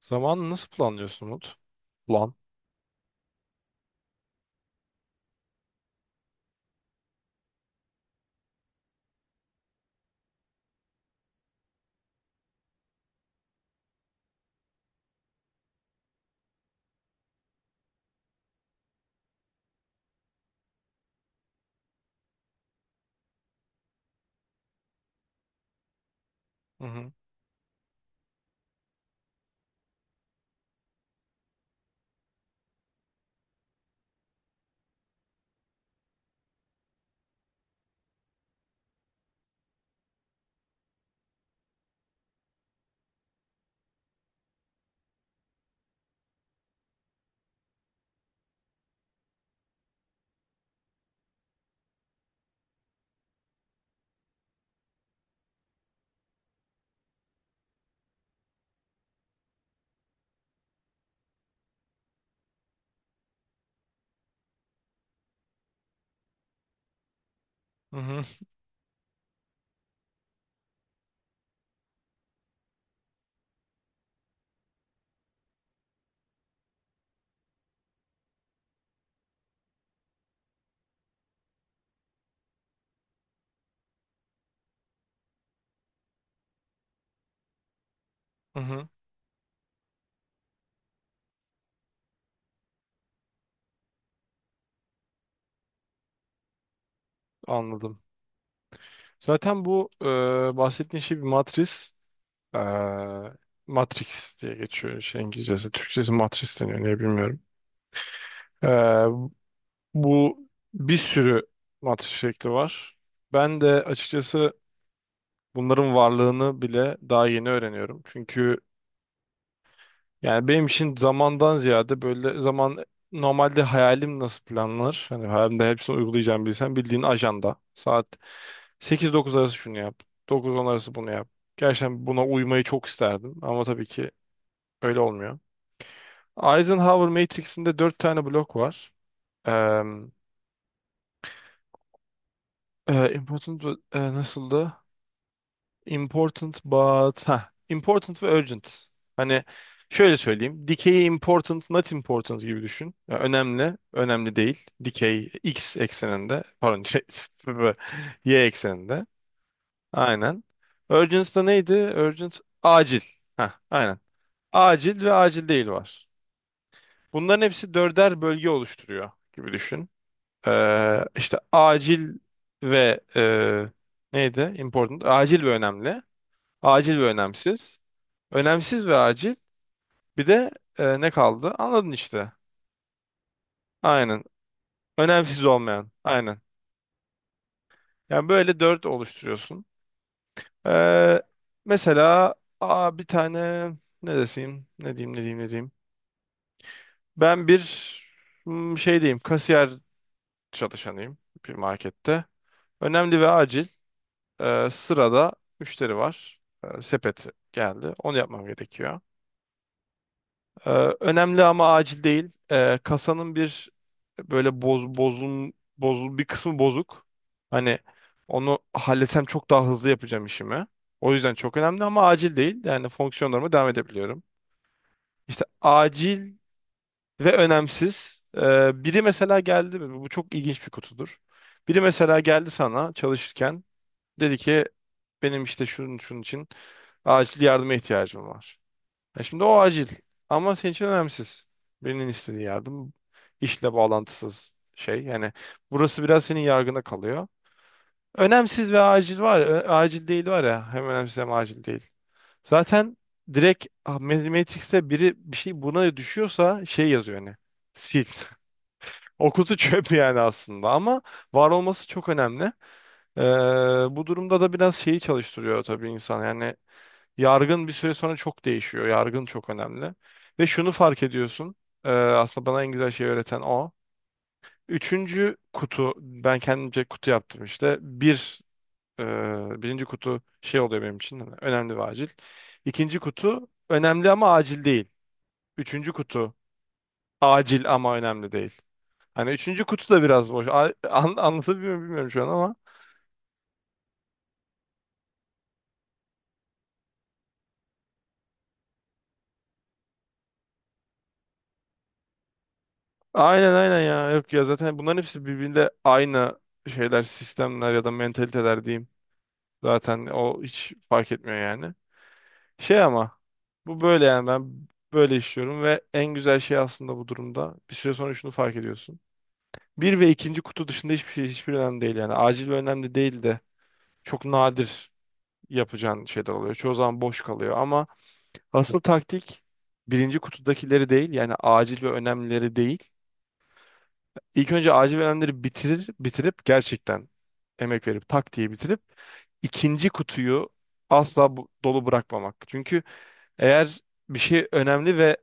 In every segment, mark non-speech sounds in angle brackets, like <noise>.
Zamanı nasıl planlıyorsun Umut? Plan. Hı hı. Hı hı. Hı hı. Anladım. Zaten bu bahsettiğin şey bir matris. E, Matrix diye geçiyor şey İngilizcesi. Türkçesi matris deniyor. Niye bilmiyorum. E, bu bir sürü matris şekli var. Ben de açıkçası bunların varlığını bile daha yeni öğreniyorum. Çünkü yani benim için zamandan ziyade böyle zaman normalde hayalim nasıl planlanır? Hani hayalimde hepsini uygulayacağım bilsem bildiğin ajanda. Saat sekiz dokuz arası şunu yap. Dokuz on arası bunu yap. Gerçekten buna uymayı çok isterdim ama tabii ki öyle olmuyor. Eisenhower Matrix'inde 4 tane blok var. Eee Important, nasıldı? Important but ha important ve urgent. Hani şöyle söyleyeyim. Dikeyi important, not important gibi düşün. Ya önemli, önemli değil. Dikey x ekseninde, pardon, <laughs> şey, y ekseninde. Aynen. Urgent da neydi? Urgent acil. Ha, aynen. Acil ve acil değil var. Bunların hepsi dörder bölge oluşturuyor gibi düşün. İşte acil ve neydi? Important. Acil ve önemli. Acil ve önemsiz. Önemsiz ve acil. Bir de ne kaldı? Anladın işte. Aynen. Önemsiz olmayan. Aynen. Yani böyle dört oluşturuyorsun. Ee, mesela bir tane ne deseyim? Ne diyeyim ne diyeyim ne diyeyim. Ben bir şey diyeyim. Kasiyer çalışanıyım bir markette. Önemli ve acil. Sırada müşteri var. Sepeti geldi. Onu yapmam gerekiyor. Ee, önemli ama acil değil. Kasanın bir böyle boz, bozun, bozul bir kısmı bozuk. Hani onu halletsem çok daha hızlı yapacağım işimi. O yüzden çok önemli ama acil değil. Yani fonksiyonlarıma devam edebiliyorum. İşte acil ve önemsiz. Biri mesela geldi. Bu çok ilginç bir kutudur. Biri mesela geldi sana çalışırken. Dedi ki benim işte şunun şunun için acil yardıma ihtiyacım var. Ya şimdi o acil ama senin için önemsiz. Birinin istediği yardım işle bağlantısız şey. Yani burası biraz senin yargına kalıyor. Önemsiz ve acil var. Ya, acil değil var ya. Hem önemsiz hem acil değil. Zaten direkt ah, Matrix'te biri bir şey buna düşüyorsa şey yazıyor hani. Sil. <laughs> O kutu çöp yani aslında ama var olması çok önemli. Ee, bu durumda da biraz şeyi çalıştırıyor tabii insan. Yani, yargın bir süre sonra çok değişiyor. Yargın çok önemli. Ve şunu fark ediyorsun. Aslında bana en güzel şey öğreten o. Üçüncü kutu, ben kendimce kutu yaptım işte. Bir, birinci kutu şey oluyor benim için. Hani önemli ve acil. İkinci kutu önemli ama acil değil. Üçüncü kutu acil ama önemli değil. Hani üçüncü kutu da biraz boş. Anlatabiliyor muyum bilmiyorum şu an ama. Aynen aynen ya. Yok ya zaten bunların hepsi birbirinde aynı şeyler, sistemler ya da mentaliteler diyeyim. Zaten o hiç fark etmiyor yani. Şey ama bu böyle yani ben böyle işliyorum ve en güzel şey aslında bu durumda. Bir süre sonra şunu fark ediyorsun. Bir ve ikinci kutu dışında hiçbir şey hiçbir önemli değil yani. Acil ve önemli değil de çok nadir yapacağın şeyler oluyor. Çoğu zaman boş kalıyor ama asıl taktik birinci kutudakileri değil yani acil ve önemlileri değil. İlk önce acil ve önemlileri bitirip gerçekten emek verip tak diye bitirip ikinci kutuyu asla dolu bırakmamak. Çünkü eğer bir şey önemli ve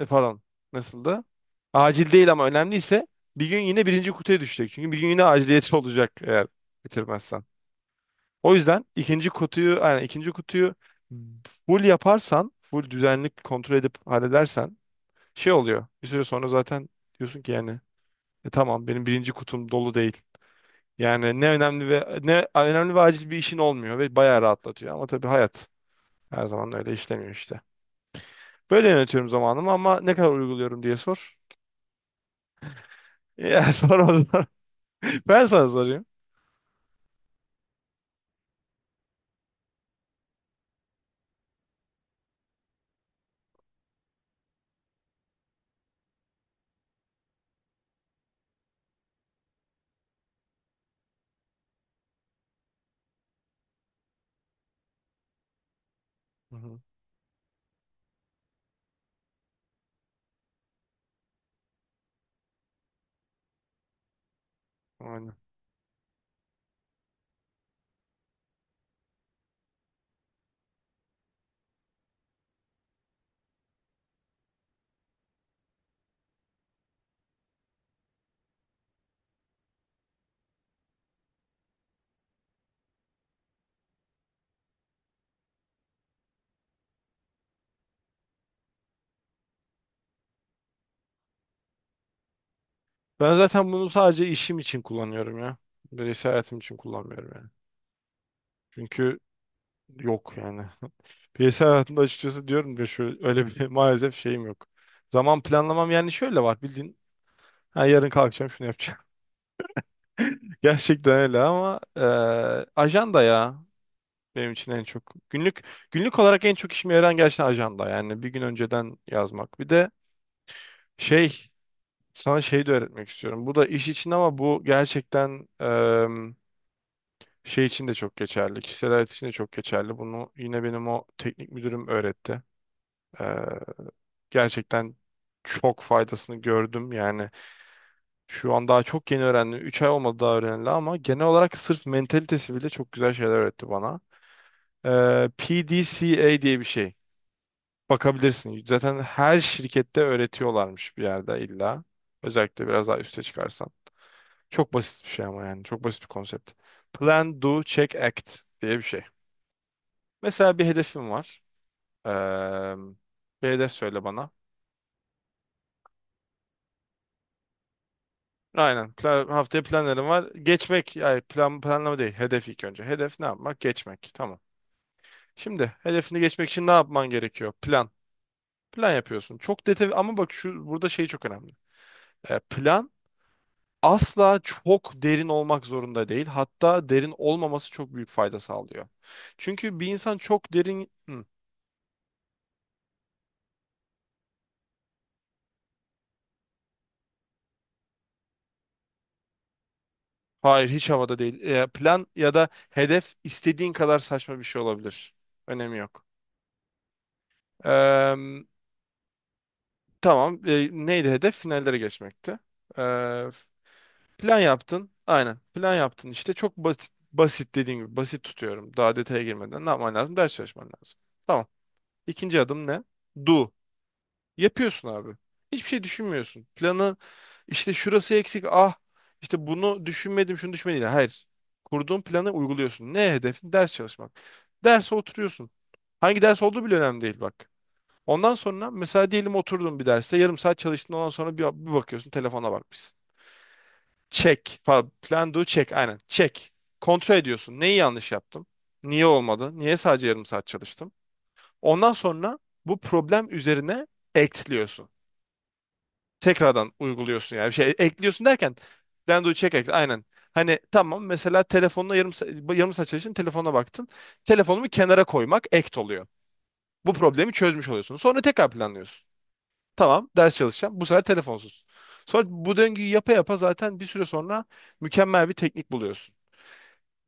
pardon, nasıldı? Acil değil ama önemliyse bir gün yine birinci kutuya düşecek. Çünkü bir gün yine aciliyeti <laughs> olacak eğer bitirmezsen. O yüzden ikinci kutuyu full yaparsan full düzenli kontrol edip halledersen şey oluyor. Bir süre sonra zaten diyorsun ki yani, "Tamam benim birinci kutum dolu değil. Yani ne önemli ve ne önemli ve acil bir işin olmuyor ve bayağı rahatlatıyor." Ama tabii hayat her zaman öyle işlemiyor işte. Böyle yönetiyorum zamanımı ama ne kadar uyguluyorum diye sor. Ya <laughs> sor o zaman. <laughs> Ben sana sorayım. Hı hı. Aynen. Ben zaten bunu sadece işim için kullanıyorum ya. Bireysel hayatım için kullanmıyorum yani. Çünkü yok yani. <laughs> Bireysel hayatımda açıkçası diyorum ya şöyle öyle bir <laughs> maalesef şeyim yok. Zaman planlamam yani şöyle var bildiğin. Ha, yarın kalkacağım şunu yapacağım. <laughs> Gerçekten öyle ama ajanda ya benim için en çok. Günlük günlük olarak en çok işime yarayan gerçekten ajanda. Yani bir gün önceden yazmak. Bir de şey sana şey de öğretmek istiyorum. Bu da iş için ama bu gerçekten şey için de çok geçerli. Kişisel hayat için de çok geçerli. Bunu yine benim o teknik müdürüm öğretti. Ee, gerçekten çok faydasını gördüm. Yani şu an daha çok yeni öğrendim. 3 ay olmadı daha öğrenildi ama genel olarak sırf mentalitesi bile çok güzel şeyler öğretti bana. PDCA diye bir şey. Bakabilirsin. Zaten her şirkette öğretiyorlarmış bir yerde illa. Özellikle biraz daha üste çıkarsan. Çok basit bir şey ama yani. Çok basit bir konsept. Plan, do, check, act diye bir şey. Mesela bir hedefim var. Eee hedef söyle bana. Aynen. Plan, haftaya planlarım var. Geçmek, yani plan, planlama değil. Hedef ilk önce. Hedef ne yapmak? Geçmek. Tamam. Şimdi hedefini geçmek için ne yapman gerekiyor? Plan. Plan yapıyorsun. Çok detay ama bak şu burada şey çok önemli. Plan asla çok derin olmak zorunda değil. Hatta derin olmaması çok büyük fayda sağlıyor. Çünkü bir insan çok derin... Hı, hayır hiç havada değil. Plan ya da hedef istediğin kadar saçma bir şey olabilir. Önemi yok. Tamam. E, neydi hedef? Finallere geçmekti. Ee, plan yaptın. Aynen. Plan yaptın. İşte çok basit, basit dediğim gibi basit tutuyorum. Daha detaya girmeden ne yapman lazım? Ders çalışman lazım. Tamam. İkinci adım ne? Do. Yapıyorsun abi. Hiçbir şey düşünmüyorsun. Planı işte şurası eksik. Ah işte bunu düşünmedim, şunu düşünmedim. Hayır. Kurduğun planı uyguluyorsun. Ne hedefin? Ders çalışmak. Derse oturuyorsun. Hangi ders olduğu bile önemli değil bak. Ondan sonra mesela diyelim oturdun bir derste yarım saat çalıştın ondan sonra bir bakıyorsun telefona bakmışsın. Check. Pardon, plan do check. Aynen. Check. Kontrol ediyorsun. Neyi yanlış yaptım? Niye olmadı? Niye sadece yarım saat çalıştım? Ondan sonra bu problem üzerine ekliyorsun. Tekrardan uyguluyorsun yani. Bir şey ekliyorsun derken plan do check ekle. Aynen. Hani tamam mesela telefonla yarım saat çalıştın telefona baktın. Telefonumu kenara koymak act oluyor. Bu problemi çözmüş oluyorsun. Sonra tekrar planlıyorsun. Tamam ders çalışacağım. Bu sefer telefonsuz. Sonra bu döngüyü yapa yapa zaten bir süre sonra mükemmel bir teknik buluyorsun.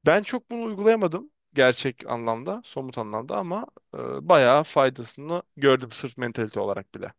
Ben çok bunu uygulayamadım gerçek anlamda, somut anlamda ama e, bayağı faydasını gördüm sırf mentalite olarak bile.